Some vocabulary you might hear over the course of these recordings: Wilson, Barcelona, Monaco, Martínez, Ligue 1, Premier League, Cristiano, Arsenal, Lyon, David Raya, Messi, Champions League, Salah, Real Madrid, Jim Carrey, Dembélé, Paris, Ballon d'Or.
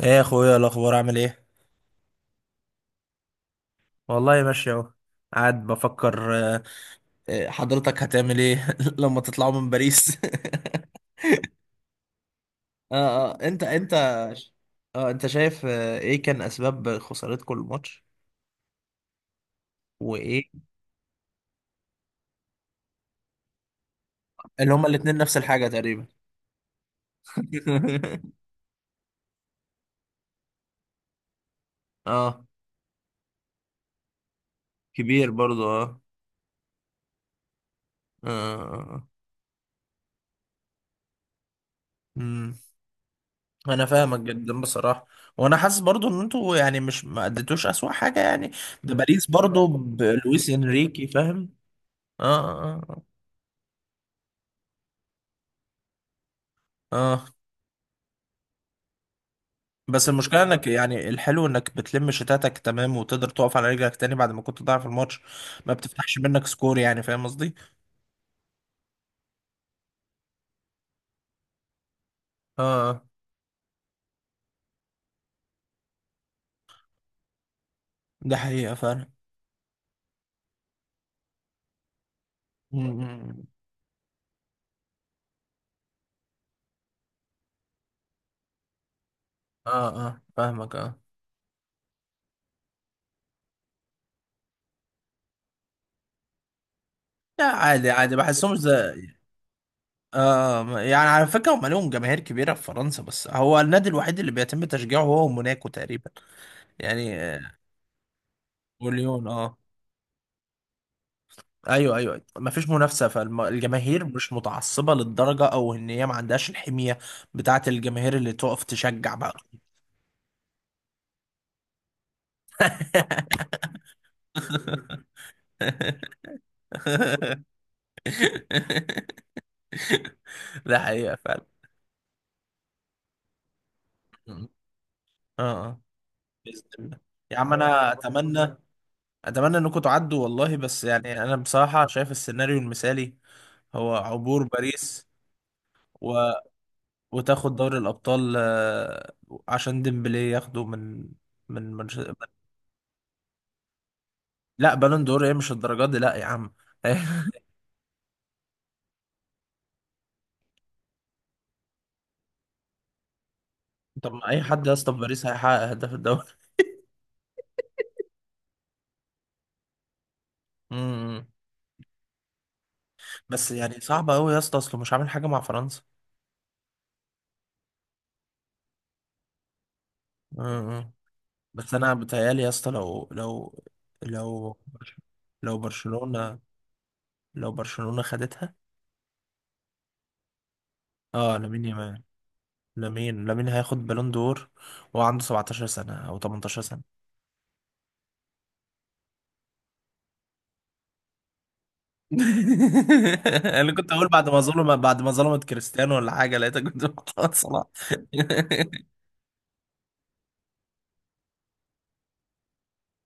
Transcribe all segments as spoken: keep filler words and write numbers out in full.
ايه يا اخويا الاخبار، عامل ايه؟ والله ماشي اهو. قاعد بفكر. آه، آه، حضرتك هتعمل ايه لما تطلعوا من باريس؟ اه اه، انت انت اه انت شايف آه، ايه كان اسباب خسارتكم الماتش، وايه اللي هما الاتنين نفس الحاجة تقريبا؟ اه، كبير برضو. اه اه. امم انا فاهمك جدا بصراحة. وانا حاسس برضو ان انتوا يعني مش ما اديتوش اسوأ حاجة يعني. ده باريس برضو بلويس انريكي، فاهم. اه اه. آه. اه. بس المشكلة انك، يعني الحلو انك بتلم شتاتك تمام وتقدر تقف على رجلك تاني بعد ما كنت ضايع في الماتش، ما بتفتحش منك سكور، يعني فاهم قصدي؟ اه اه. ده حقيقة فعلا. مم. اه اه، فاهمك، اه. لا عادي عادي، بحسهم زي. آه آه. يعني على فكرة هم لهم جماهير كبيرة في فرنسا، بس هو النادي الوحيد اللي بيتم تشجيعه هو موناكو تقريبا، يعني. آه، وليون، اه. ايوه ايوه، ما فيش منافسه، فالجماهير مش متعصبه للدرجه، او ان هي ما عندهاش الحميه بتاعه الجماهير اللي تقف تشجع بقى. ده حقيقه فعلا. اه اه. باذن الله. يا عم انا اتمنى اتمنى انكم تعدوا والله، بس يعني انا بصراحه شايف السيناريو المثالي هو عبور باريس و... وتاخد دوري الابطال، آه، عشان ديمبلي ياخده من من من. لا، بالون دور ايه؟ مش الدرجات دي، لا يا عم. طب ما اي حد يا اسطى في باريس هيحقق هداف الدوري. امم. بس يعني صعبه قوي يا اسطى، اصله مش عامل حاجه مع فرنسا. امم. بس انا بتهيالي يا اسطى لو لو لو لو برشلونه لو برشلونه خدتها. اه، لامين يامال. لامين لامين هياخد بالون دور، وعنده سبعتاشر سنه او تمنتاشر سنه. انا كنت اقول بعد ما ظلم بعد ما ظلمت كريستيانو ولا حاجه، لقيتك كنت بتقول صلاح.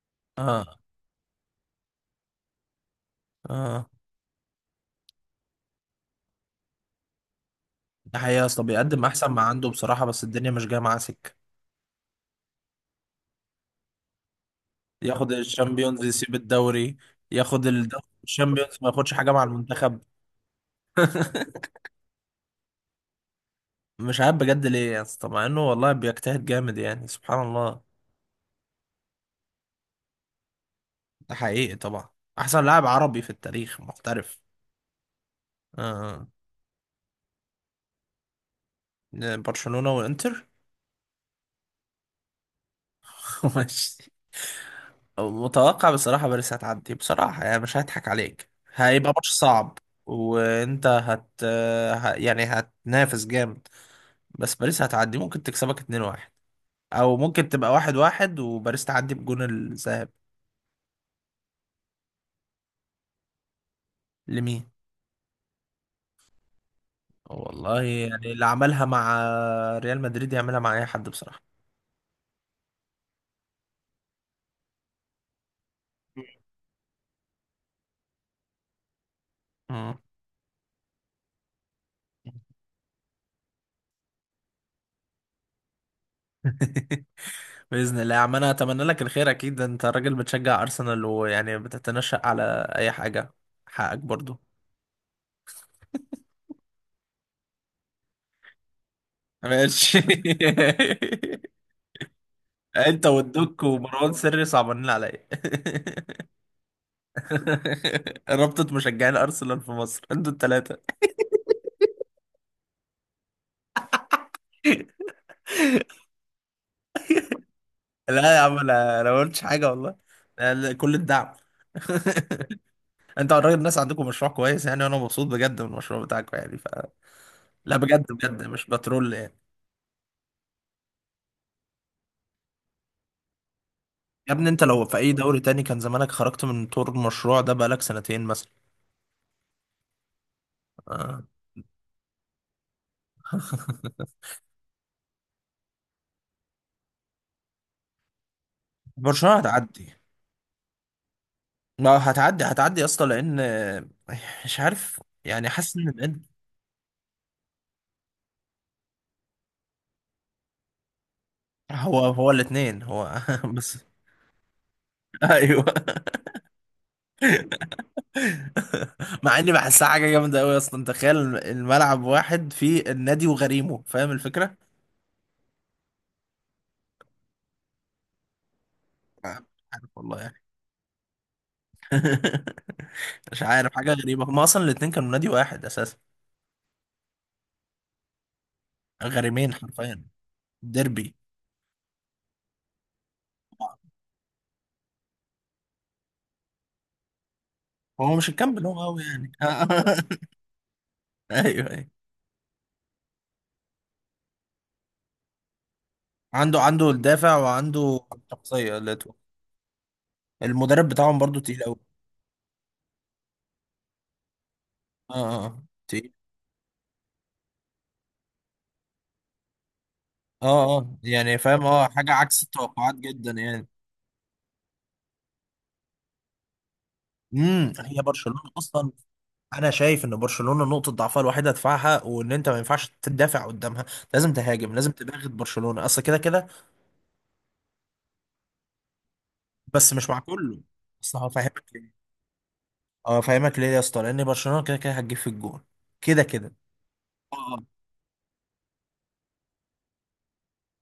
اه اه. ده حقيقة يا اسطى، بيقدم احسن ما عنده بصراحة، بس الدنيا مش جاية معاه سكة. ياخد الشامبيونز يسيب الدوري، ياخد الدوري الشامبيونز، ما ياخدش حاجة مع المنتخب. مش عارف بجد ليه يا اسطى، مع انه والله بيجتهد جامد، يعني سبحان الله. ده حقيقي طبعا. احسن لاعب عربي في التاريخ محترف. آه. آه، برشلونة والانتر. ماشي. متوقع بصراحة باريس هتعدي بصراحة، يعني مش هضحك عليك، هيبقى ماتش صعب. وانت هت آه، ه- يعني هتنافس جامد، بس باريس هتعدي. ممكن تكسبك اتنين واحد او ممكن تبقى واحد واحد وباريس تعدي بجون الذهاب. لمين؟ والله يعني اللي عملها مع ريال مدريد يعملها مع اي حد بصراحة. مم. بإذن الله يا عم، أنا أتمنى لك الخير، أكيد أنت راجل بتشجع أرسنال ويعني بتتنشأ على أي حاجة، حقك برضو. ماشي. أنت والدك ومروان سري صعبانين عليا. رابطة مشجعين أرسنال في مصر أنتوا التلاتة. لا يا عم، انا انا ما قلتش حاجه والله. أنا كل الدعم. انت الراجل، الناس عندكم مشروع كويس يعني، وانا مبسوط بجد من المشروع بتاعكم يعني، ف. لا بجد بجد، مش بترول يعني. يا ابني انت لو في اي دوري تاني كان زمانك خرجت من طور المشروع ده بقالك سنتين مثلا. آه. برشلونه هتعدي. ما هتعدي، هتعدي يا اسطى، لان. آه، مش عارف يعني، حاسس ان الإن- هو هو الاثنين هو. بس، ايوه. مع اني بحسها حاجه جامده قوي اصلا، تخيل الم- الملعب واحد فيه النادي وغريمه، فاهم الفكره؟ آه، مش عارف والله يعني. مش عارف، حاجه غريبه، هما اصلا الاتنين كانوا نادي واحد اساسا. غريمين حرفيا. ديربي. هو مش الكامب، هو قوي يعني. ايوه ايوه. عنده عنده الدافع وعنده الشخصيه اللي تو- المدرب بتاعهم برضو تقيل قوي. اه اه. آه. تقيل. اه اه، يعني فاهم، اه، حاجه عكس التوقعات جدا يعني. امم هي برشلونه اصلا. انا شايف ان برشلونه نقطه ضعفها الوحيده دفاعها، وان انت ما ينفعش تدافع قدامها، لازم تهاجم، لازم تباغت برشلونه، اصل كده كده. بس مش مع كله. اصل هفهمك ليه. اه، هفهمك ليه يا اسطى، لان برشلونه كده كده هتجيب في الجون، كده كده. اه.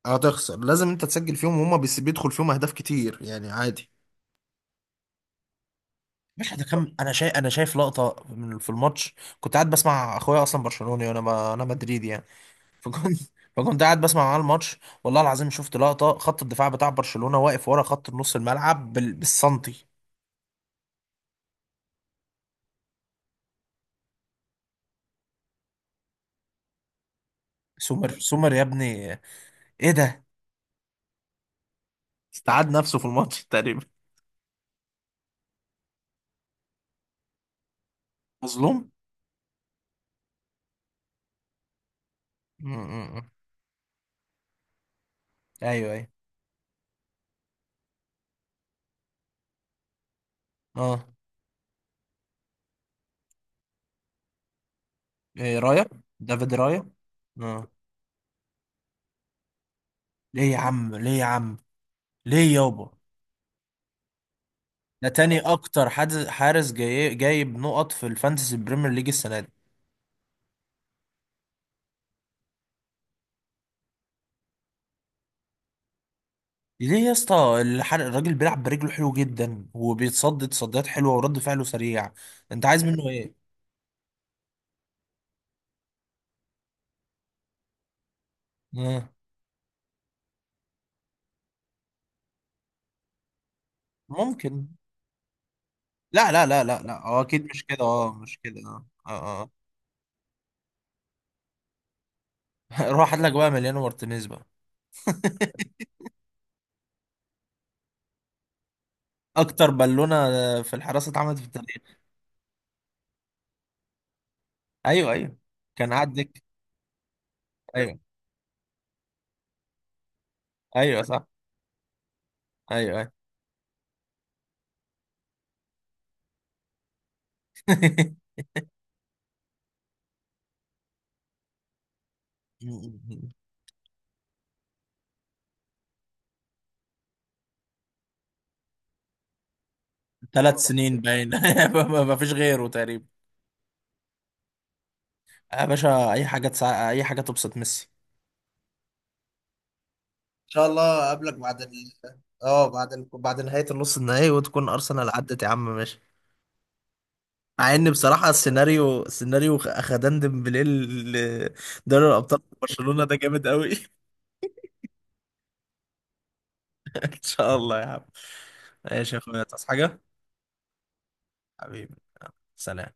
هتخسر، لازم انت تسجل فيهم، وهما بيس- بيدخل فيهم اهداف كتير، يعني عادي. مش هتكمل. انا شايف انا شايف لقطه من في الماتش. كنت قاعد بسمع اخويا، اصلا برشلوني، وانا ما... انا مدريدي يعني. فكنت فكنت قاعد بسمع معاه الماتش. والله العظيم، شفت لقطة، خط الدفاع بتاع برشلونة واقف ورا خط نص الملعب بال... بالسنتي. سومر، سومر يا ابني. ايه ده؟ استعاد نفسه في الماتش تقريبا. مظلوم. م- م- م. ايوه ايوه، اه. إيه، رايا. دافيد رايا. اه. ليه يا عم، ليه يا عم، ليه يابا؟ ده تاني اكتر حد حارس جاي... جايب نقط في الفانتسي بريمير ليج السنة دي. ليه يا اسطى الحرق؟ الراجل بيلعب برجله حلو جدا، وبيتصدد تصديات حلوه، ورد فعله سريع، انت عايز منه ايه؟ آه. ممكن. لا لا لا لا لا، اه اكيد مش كده، اه مش كده، اه اه. آه. روح هات لك بقى مليانو مارتينيز بقى. اكتر بالونه في الحراسه اتعملت في التاريخ. ايوه ايوه، كان عندك. ايوه ايوه صح. ايوه ايوه. ثلاث سنين باين، ما فيش غيره تقريبا. يا باشا اي حاجه تسع... اي حاجه تبسط ميسي. ان شاء الله اقابلك بعد ال... اه، بعد ال... بعد نهاية النص النهائي، وتكون ارسنال عدت، يا عم ماشي. مع ان بصراحة، السيناريو، سيناريو اخدان ديمبلي ل- دوري الابطال في برشلونة، ده جامد قوي. ان شاء الله يا عم. ماشي يا اخويا، تصحى حاجة. حبيبي. سلام.